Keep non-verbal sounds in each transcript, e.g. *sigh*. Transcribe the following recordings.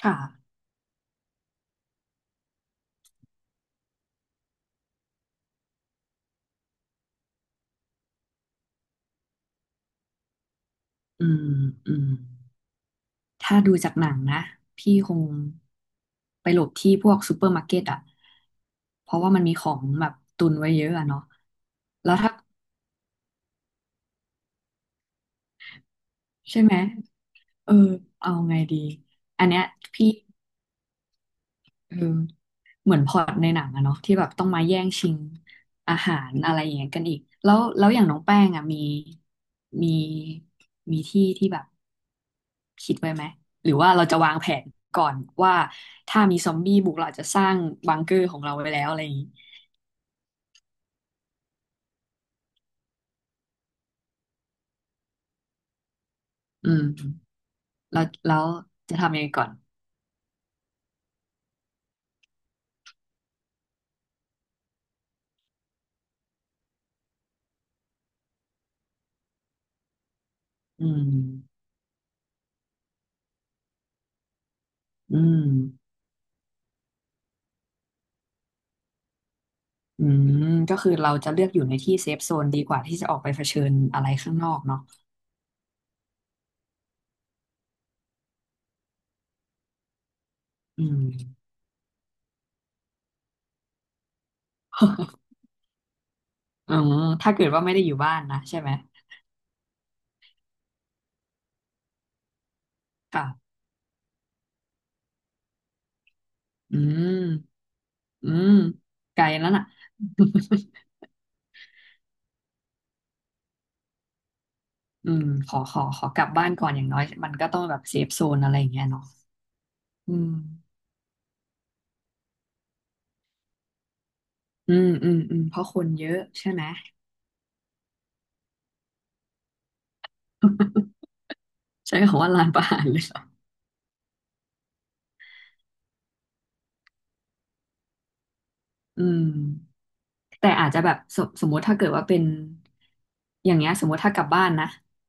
ค่ะอืมอืมถ้าดูจากหนังนะ พี่คงไปหลบที่พวกซูเปอร์มาร์เก็ตอ่ะเพราะว่ามันมีของแบบตุนไว้เยอะอะเนาะแล้วถ้าใช่ไหม เออ เอาไงดี อันเนี้ยพี่ เออเหมือนพล็อตในหนังอะเนาะที่แบบต้องมาแย่งชิงอาหารอะไรอย่างเงี้ยกันอีกแล้วอย่างน้องแป้งอะมีมีที่ที่แบบคิดไว้ไหมหรือว่าเราจะวางแผนก่อนว่าถ้ามีซอมบี้บุกเราอาจจะสร้างบังเกอร์ของเราไว้แล้วอะไรอย่างงี้อืมแล้วจะทำยังไงก่อนอืมอืมอืมก็คือเราจะเลือกอยู่ในที่เซฟโซนดีกว่าที่จะออกไปเผชิญอะไรข้างนอกเนาะอืม อ๋อถ้าเกิดว่าไม่ได้อยู่บ้านนะใช่ไหมค่ะอืมอืมไกลแล้วน่ะ *laughs* อืมขอกลับบ้านก่อนอย่างน้อยมันก็ต้องแบบเซฟโซนอะไรอย่างเงี้ยเนาะอืมอืมอืมเพราะคนเยอะใช่ไหมใช้คำว่าลานประหารเลยเหรออืมแต่อาจจะแบบสมมติถ้าเกิดว่าเป็นอย่างเงี้ยสมมติถ้ากลับบ้านนะ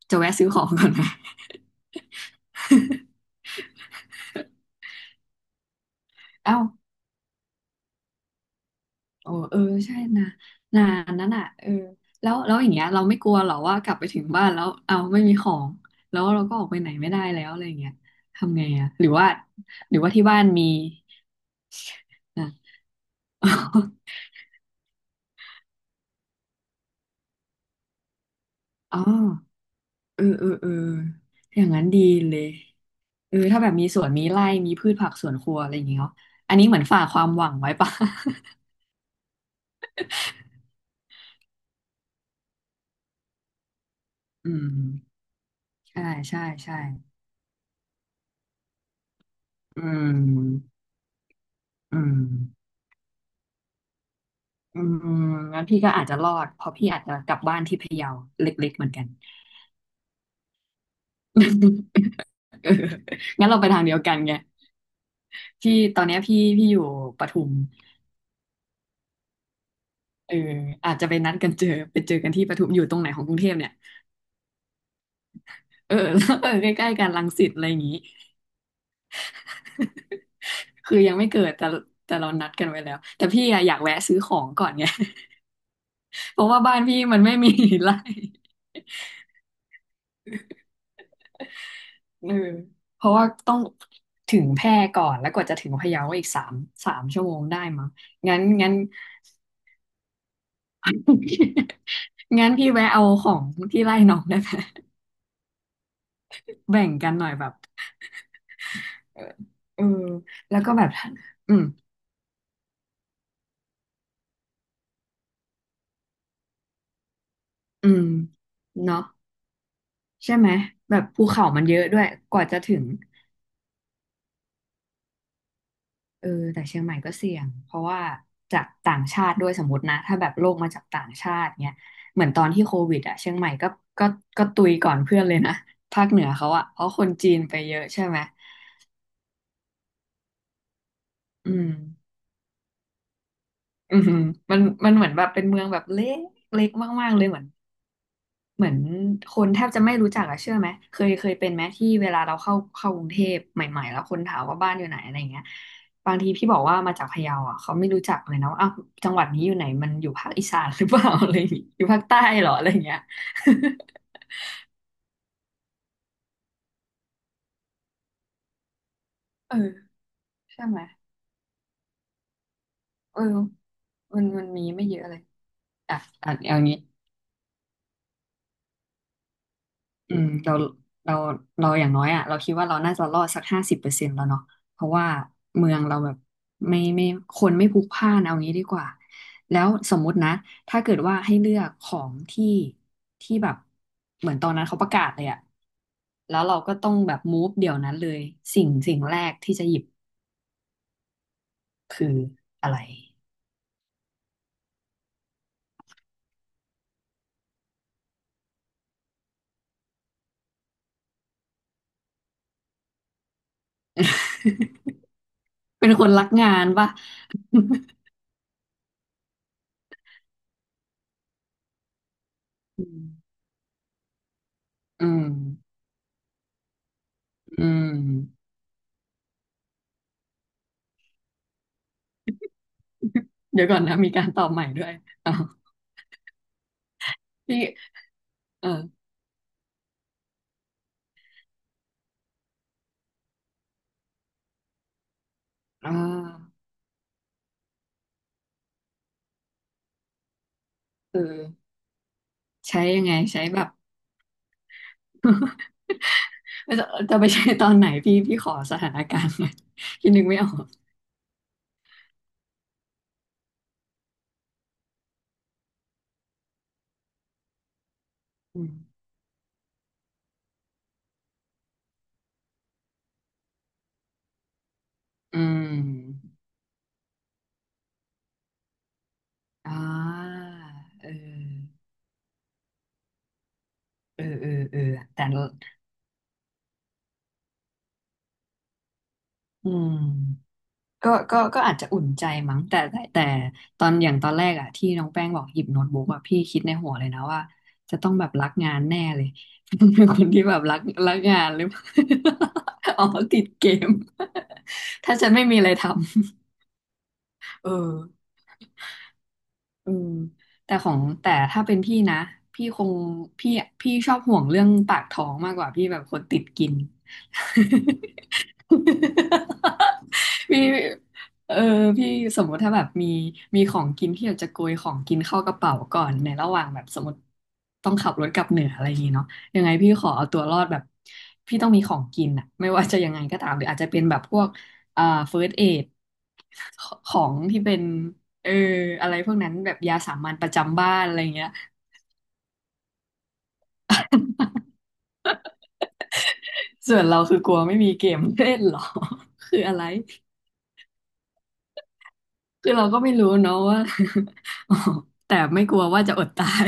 จะแวะซื้อของก่อนนะ *laughs* เอ้า โอ้เออใช่นะนานนั้นอ่ะเออแล้วอย่างเงี้ยเราไม่กลัวหรอว่ากลับไปถึงบ้านแล้วเอาไม่มีของแล้วเราก็ออกไปไหนไม่ได้แล้วอะไรอย่างเงี้ยทำไงอ่ะหรือว่าหรือว่าที่บ้านมีอ่ะ *laughs* อ๋อเออเอออย่างนั้นดีเลยเออถ้าแบบมีสวนมีไร่มีพืชผักสวนครัวอะไรอย่างเงี้ยเนาะอันนี้เหมือนฝากความหวังไว้ปะ *laughs* อืมใช่ใช่ใช่อืมอืม อืมงั้นพี่ก็อาจจะรอดเพราะพี่อาจจะกลับบ้านที่พะเยาเล็กๆเหมือนกัน *laughs* เอองั้นเราไปทางเดียวกันไงพี่ตอนเนี้ยพี่อยู่ปทุมเอออาจจะไปนัดกันเจอไปเจอกันที่ปทุมอยู่ตรงไหนของกรุงเทพเนี่ยเออ *laughs* แล้วเออใกล้ๆกันรังสิตอะไรอย่างงี้คือยังไม่เกิดแต่เรานัดกันไว้แล้วแต่พี่อะอยากแวะซื้อของก่อนไง *laughs* เพราะว่าบ้านพี่มันไม่มีไร่ *laughs* เออเพราะว่าต้องถึงแพร่ก่อนแล้วกว่าจะถึงพะเยาก็อีกสามชั่วโมงได้มั้งงั้น *laughs* โอเคงั้นพี่แวะเอาของที่ไล่น้องได้ไหมแบ่งกันหน่อยแบบเออเออแล้วก็แบบอืมอืมเนาะใช่ไหมแบบภูเขามันเยอะด้วยกว่าจะถึงเออแต่เชียงใหม่ก็เสี่ยงเพราะว่าจากต่างชาติด้วยสมมตินะถ้าแบบโลกมาจากต่างชาติเนี้ยเหมือนตอนที่โควิดอะเชียงใหม่ก็ก็ก็ตุยก่อนเพื่อนเลยนะภาคเหนือเขาอะเพราะคนจีนไปเยอะใช่ไหมอืมอืมมันมันเหมือนแบบเป็นเมืองแบบเล็กมากๆเลยเหมือน เหมือนคนแทบจะไม่รู้จักอะเชื่อไหมเคยเป็นไหมที่เวลาเราเข้ากรุงเทพใหม่ๆแล้วคนถามว่าบ้านอยู่ไหนอะไรเงี้ยบางทีพี่บอกว่ามาจากพะเยาอะเขาไม่รู้จักเลยนะว่าอ้าวจังหวัดนี้อยู่ไหนมันอยู่ภาคอีสานหรือเปล่า *laughs* อะไรอย่างงี้อยู่ภาคใต้เหรออะไรอย่เงี้ย *laughs* เออใช่ไหมเออมันมันมีไม่เยอะเลยอ่ะอ่ะเอางี้ อืมเราเราอย่างน้อยอ่ะเราคิดว่าเราน่าจะรอดสัก50%แล้วเนาะเพราะว่าเมืองเราแบบไม่คนไม่พลุกพล่านเอางี้ดีกว่าแล้วสมมุตินะถ้าเกิดว่าให้เลือกของที่ที่แบบเหมือนตอนนั้นเขาประกาศเลยอ่ะแล้วเราก็ต้องแบบมูฟเดี๋ยวนั้นเลยสิ่งแรกที่จะหยิบคืออะไร *laughs* เป็นคนรักงานป่ะอืม *laughs* อืมอืมเดี๋ยวก่อนนะมีการตอบใหม่ด้วยอ้าวพี่ เอออ่าเออ ใช้ยังไง ใช้แบบ *laughs* จะจะไปใช้ตอนไหนพี่พี่ขอสถานการณ์หน่อย *laughs* พี่นึกไม่ออกอืมอืมอ่าเออ เออ เออเออแต่อืม ก็อาจจะอุ่นใจมั้งแต่ตอนอย่างตอนแรกอะที่น้องแป้งบอกหยิบโน้ตบุ๊กอะพี่คิดในหัวเลยนะว่าจะต้องแบบรักงานแน่เลย *laughs* เป็นคนที่แบบรักงานหรือเปล่า *laughs* อ๋อติดเกม *laughs* ถ้าฉันไม่มีอะไรทำเออเออแต่ของแต่ถ้าเป็นพี่นะพี่คงพี่ชอบห่วงเรื่องปากท้องมากกว่าพี่แบบคนติดกิน *laughs* พี่เออพี่สมมุติถ้าแบบมีของกินที่อยากจะโกยของกินเข้ากระเป๋าก่อนในระหว่างแบบสมมติต้องขับรถกลับเหนืออะไรอย่างงี้เนาะยังไงพี่ขอเอาตัวรอดแบบพี่ต้องมีของกินอะไม่ว่าจะยังไงก็ตามหรืออาจจะเป็นแบบพวกเฟิร์สเอดของที่เป็นเอออะไรพวกนั้นแบบยาสามัญประจำบ้านอะไรเงี้ยส่วนเราคือกลัวไม่มีเกมเล่นเหรอ *laughs* คืออะไรคือเราก็ไม่รู้เนาะว่า *laughs* แต่ไม่กลัวว่าจะอดตาย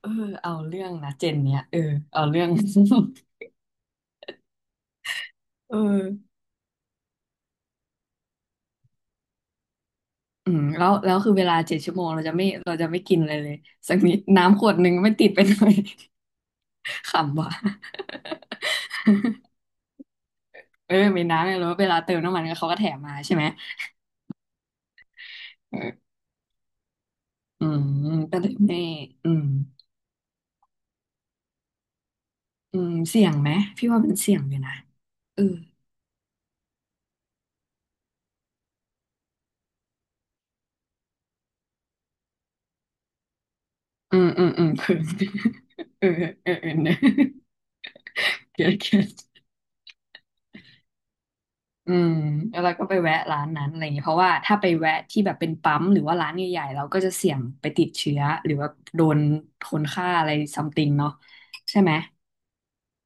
เออเอาเรื่องนะเจนเนี่ยเอาเรื่อง *laughs* เอออืมแล้วคือเวลาเจ็ดชั่วโมงเราจะไม่กินอะไรเลยสักนิดน้ำขวดหนึ่งไม่ติดไปหน่อย *laughs* ขำว่ะเออมีน้ำเนี่ยแล้วเวลาเติมน้ำมันเขาก็แถมมาใช่ไหมเอออืมก็เลยไม่อืมอืมเสี่ยงไหมพี่ว่ามันเสี่ยงอยู่นะเอออืมอืมอืมคือ *laughs* เออเออเออเออะเกลียดเกลียด อืมแล้วเราก็ไปแวะร้านนั้นอะไรอย่างเงี้ยเพราะว่าถ้าไปแวะที่แบบเป็นปั๊มหรือว่าร้านใหญ่ๆเราก็จะเสี่ยงไปติดเชื้อหรือว่าโดนคนฆ่าอะไรซัมติงเนาะใช่ไหม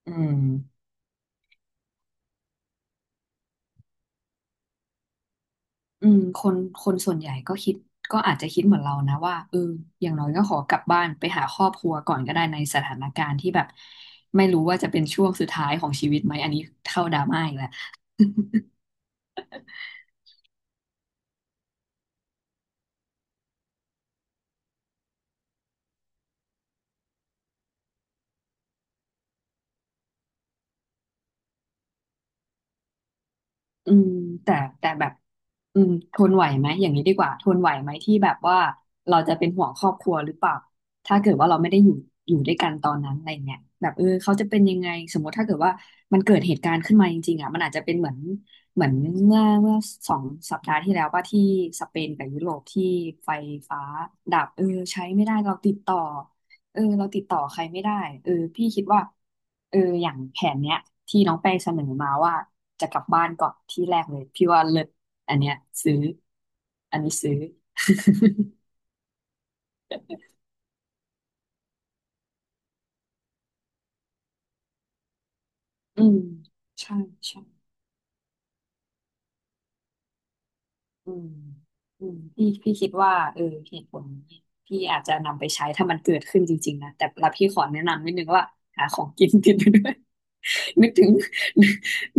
อืมอืมคนส่วนใหญ่ก็คิดก็อาจจะคิดเหมือนเรานะว่าเอออย่างน้อยก็ขอกลับบ้านไปหาครอบครัวก่อนก็ได้ในสถานการณ์ที่แบบไม่รู้ว่าจะเป็นช่วงสุดท้ายของชีวิตไหมอันนี้เข้าดราม่าอีกแล้ว อืมแต่แต่แบบอืมทนไหวไหมอย่างนี้ดีกว่าทนไหวไหมที่แบบว่าเราจะเป็นห่วงครอบครัวหรือเปล่าถ้าเกิดว่าเราไม่ได้อยู่ด้วยกันตอนนั้นอะไรเงี้ยแบบเออเขาจะเป็นยังไงสมมติถ้าเกิดว่ามันเกิดเหตุการณ์ขึ้นมาจริงๆอ่ะมันอาจจะเป็นเหมือนเหมือนเมื่อ2 สัปดาห์ที่แล้วว่าที่สเปนกับยุโรปที่ไฟฟ้าดับเออใช้ไม่ได้เราติดต่อ เออเราติดต่อใครไม่ได้เออพี่คิดว่าเอออย่างแผนเนี้ยที่น้องแป้งเสนอมาว่าจะกลับบ้านก่อนที่แรกเลยพี่ว่าเลิศอันเนี้ยซื้ออันนี้ซื้อ *laughs* อืมใช่ใช่อืมอืมพี่คิดว่าเออเหตุผลนี้พี่อาจจะนำไปใช้ถ้ามันเกิดขึ้นจริงๆนะแต่ละพี่ขอแนะนำนิดนึงว่าหาของกิน *laughs* ติดไปด้วย นึกถึง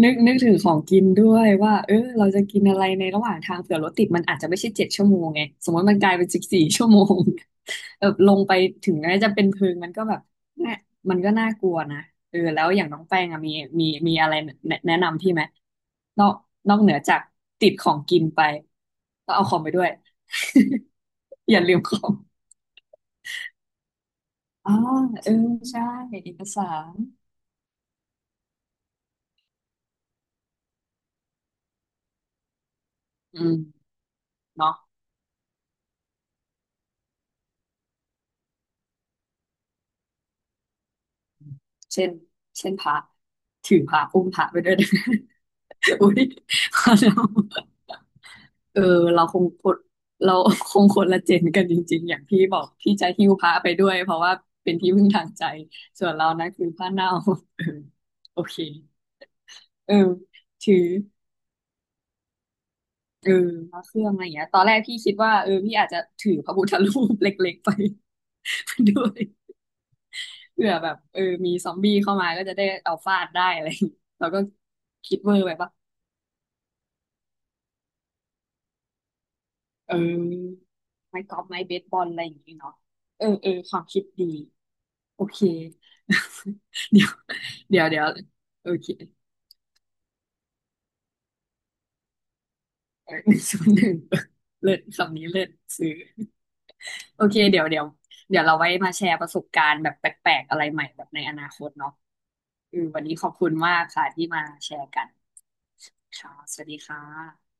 นึกถึงของกินด้วยว่าเออเราจะกินอะไรในระหว่างทางเผื่อรถติดมันอาจจะไม่ใช่เจ็ดชั่วโมงไงสมมติมันกลายเป็น14 ชั่วโมง *laughs* แบบลงไปถึงแม้จะเป็นเพิงมันก็แบบแน่มันก็น่ากลัวนะเออแล้วอย่างน้องแป้งอะมีอะไรแนะนำพี่ไหมนอกนอกเหนือจากติดของกินไปก็เอาของไปด้วย *laughs* อย่าลืมของอ๋อเออใช่เอกสารอืมเนาะ เช่นเช่นพระถือพระอุ้มพระไปด้วยนะ *laughs* อุ้ย *laughs* พอเราเออเราคงคนเราคงคนละเจนกันจริงๆ อย่างพี่บอกพี่จะหิ้วพระไปด้วยเพราะว่าเป็นที่พึ่งทางใจส่วนเรานั้นคือผ้าเน่า *laughs* เออโอเคเออถือเออพระเครื่องอะไรอย่างเงี้ยตอนแรกพี่คิดว่าเออพี่อาจจะถือพระพุทธรูปเล็กๆไป *laughs* ไปด้วยเผื่อแบบเออมีซอมบี้เข้ามาก็จะได้เอาฟาดได้อะไรอย่างงี้เราก็คิดเวอร์ไปปะ เออไม้กอล์ฟไม้เบสบอลอะไรอย่างนี้เนาะเออเออความคิดดีโอเค *laughs* เดี๋ยวเดี๋ยวโอเคเออ101 *laughs* เลิศคำนี้เลิศซื้อโอเคเดี๋ยวเราไว้มาแชร์ประสบการณ์แบบแปลกๆอะไรใหม่แบบในอนาคตเนาะอือวันนี้ขอบคุณมากค่ะที่มาแชร์กันค่ะสวัสดีค่ะ